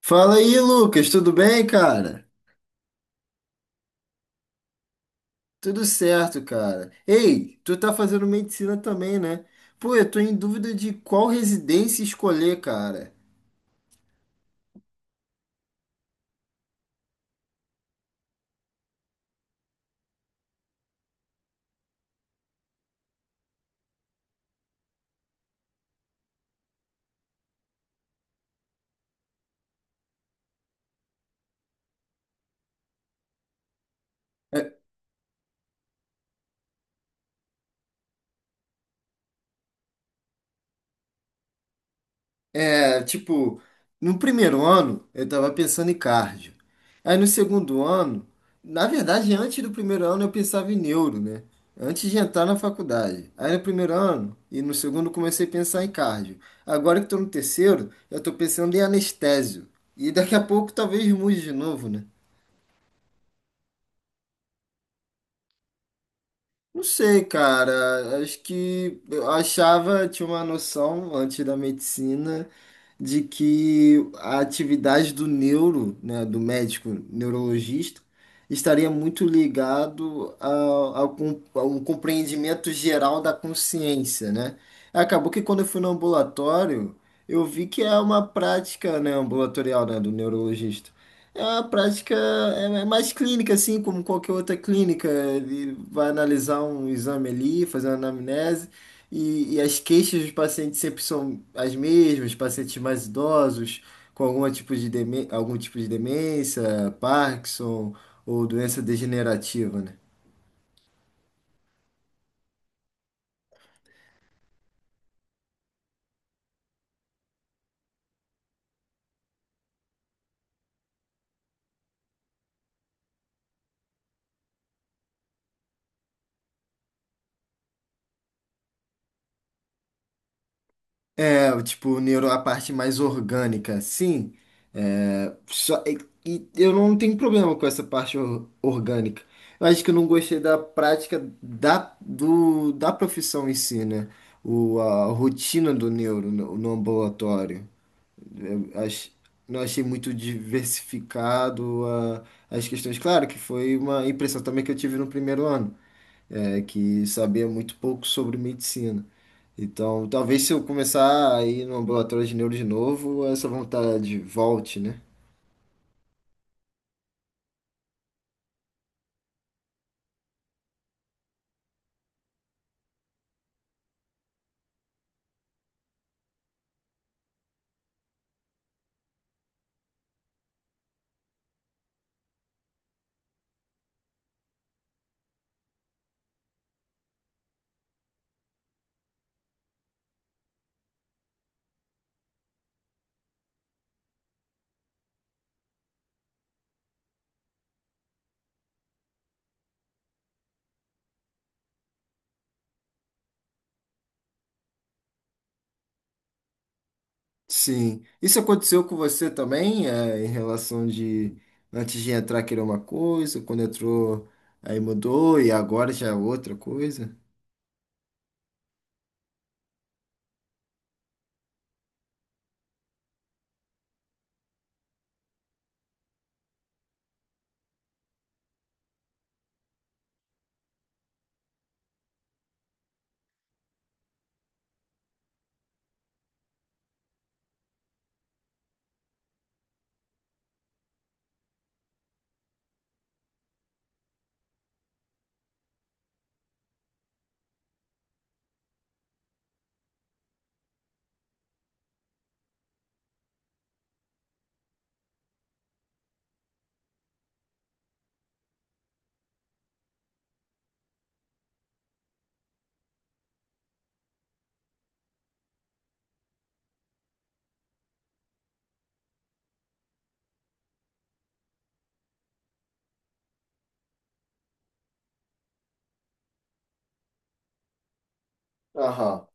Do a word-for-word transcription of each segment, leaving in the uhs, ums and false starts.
Fala aí, Lucas, tudo bem, cara? Tudo certo, cara. Ei, tu tá fazendo medicina também, né? Pô, eu tô em dúvida de qual residência escolher, cara. É, tipo, no primeiro ano eu tava pensando em cardio. Aí no segundo ano, na verdade, antes do primeiro ano eu pensava em neuro, né? Antes de entrar na faculdade. Aí no primeiro ano e no segundo eu comecei a pensar em cardio. Agora que tô no terceiro, eu tô pensando em anestésio. E daqui a pouco talvez mude de novo, né? Não sei, cara. Acho que eu achava, tinha uma noção antes da medicina de que a atividade do neuro, né, do médico neurologista, estaria muito ligado ao, ao, com- ao compreendimento geral da consciência, né? Acabou que quando eu fui no ambulatório, eu vi que é uma prática, né, ambulatorial, né, do neurologista. É uma prática é é mais clínica, assim, como qualquer outra clínica. Ele vai analisar um exame ali, fazer uma anamnese, e, e as queixas dos pacientes sempre são as mesmas, pacientes mais idosos, com algum tipo de, deme- algum tipo de demência, Parkinson ou doença degenerativa, né? É, tipo, neuro, a parte mais orgânica, sim. É, só, e, e eu não tenho problema com essa parte or- orgânica. Eu acho que eu não gostei da prática da, do, da profissão em si, né? O, a rotina do neuro no, no ambulatório. Ach- não achei muito diversificado a- as questões. Claro que foi uma impressão também que eu tive no primeiro ano é, que sabia muito pouco sobre medicina. Então, talvez se eu começar a ir no ambulatório de neuro de novo, essa vontade volte, né? Sim. Isso aconteceu com você também, é, em relação de antes de entrar querer uma coisa, quando entrou aí mudou e agora já é outra coisa? Aham.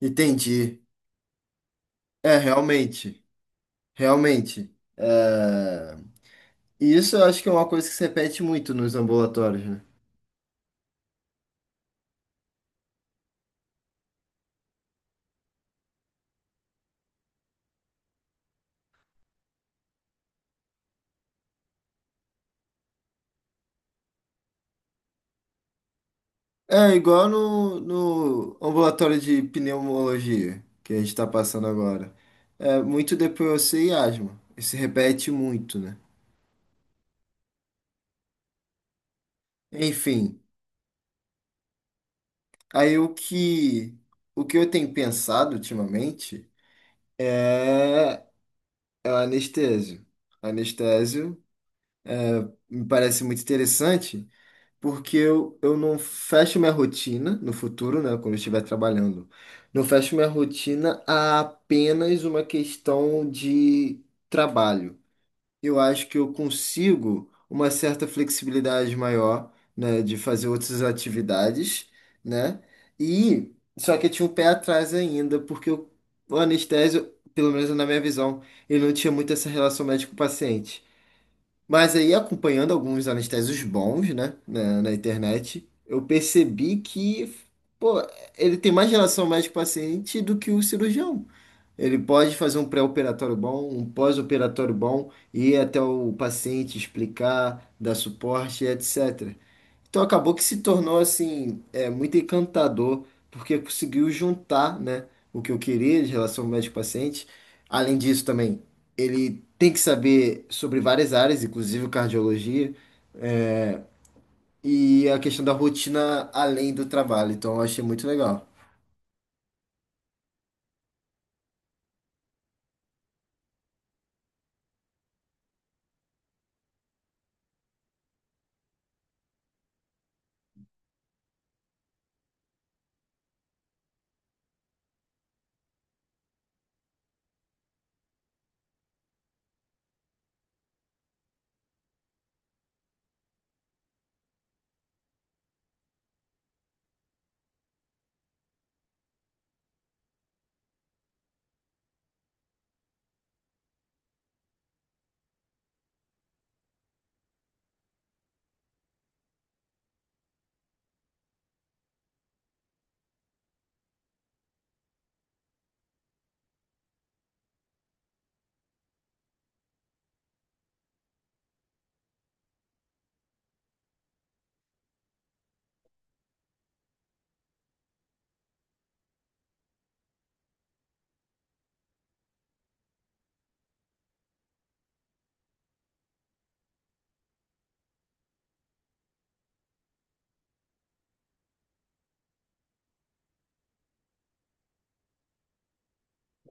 Entendi. É, realmente, realmente. É, e isso eu acho que é uma coisa que se repete muito nos ambulatórios, né? É igual no, no ambulatório de pneumologia que a gente está passando agora. É muito D P O C e asma. Isso repete muito, né? Enfim, aí o que, o que eu tenho pensado ultimamente é, é o anestésio. Anestésio me parece muito interessante, porque eu, eu não fecho minha rotina no futuro, né, quando eu estiver trabalhando. Não fecho minha rotina a apenas uma questão de trabalho. Eu acho que eu consigo uma certa flexibilidade maior, né, de fazer outras atividades, né? E só que eu tinha um pé atrás ainda, porque eu- o anestésio, pelo menos na minha visão, ele não tinha muito essa relação médico-paciente. Mas aí, acompanhando alguns anestésicos bons, né, na, na internet, eu percebi que, pô, ele tem mais relação médico-paciente do que o cirurgião. Ele pode fazer um pré-operatório bom, um pós-operatório bom, ir até o paciente, explicar, dar suporte, etcétera. Então acabou que se tornou assim, é, muito encantador, porque conseguiu juntar, né, o que eu queria de relação ao médico-paciente. Além disso também, ele tem que saber sobre várias áreas, inclusive cardiologia, e a questão da rotina além do trabalho. Então eu achei muito legal.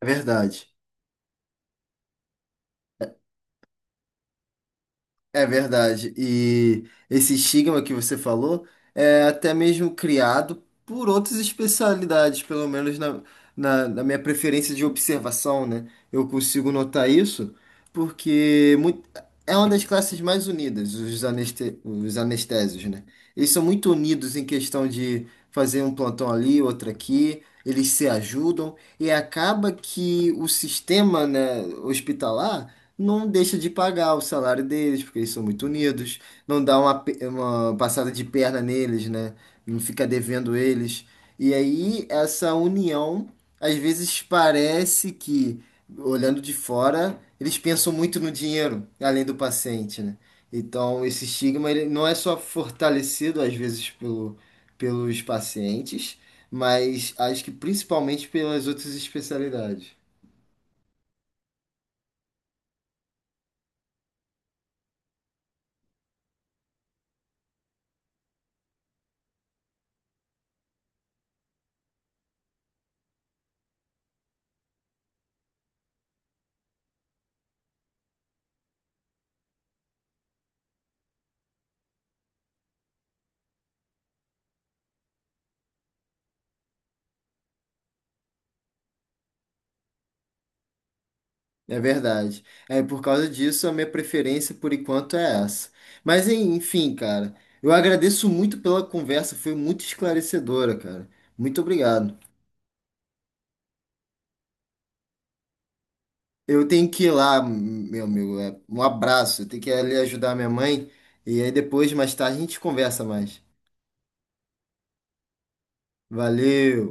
É verdade. É verdade. E esse estigma que você falou é até mesmo criado por outras especialidades, pelo menos na, na, na minha preferência de observação, né? Eu consigo notar isso porque muito, é uma das classes mais unidas, os, aneste, os anestésios, né? Eles são muito unidos em questão de fazer um plantão ali, outro aqui, eles se ajudam e acaba que o sistema, né, hospitalar não deixa de pagar o salário deles, porque eles são muito unidos, não dá uma, pe- uma passada de perna neles, né? Não fica devendo eles. E aí, essa união, às vezes parece que, olhando de fora, eles pensam muito no dinheiro, além do paciente, né? Então, esse estigma ele não é só fortalecido, às vezes, pelo, pelos pacientes, mas acho que principalmente pelas outras especialidades. É verdade. É por causa disso a minha preferência por enquanto é essa. Mas en- enfim, cara, eu agradeço muito pela conversa, foi muito esclarecedora, cara. Muito obrigado. Eu tenho que ir lá, m- meu amigo. é, Um abraço. Eu tenho que ir ali ajudar minha mãe e aí depois mais tarde a gente conversa mais. Valeu.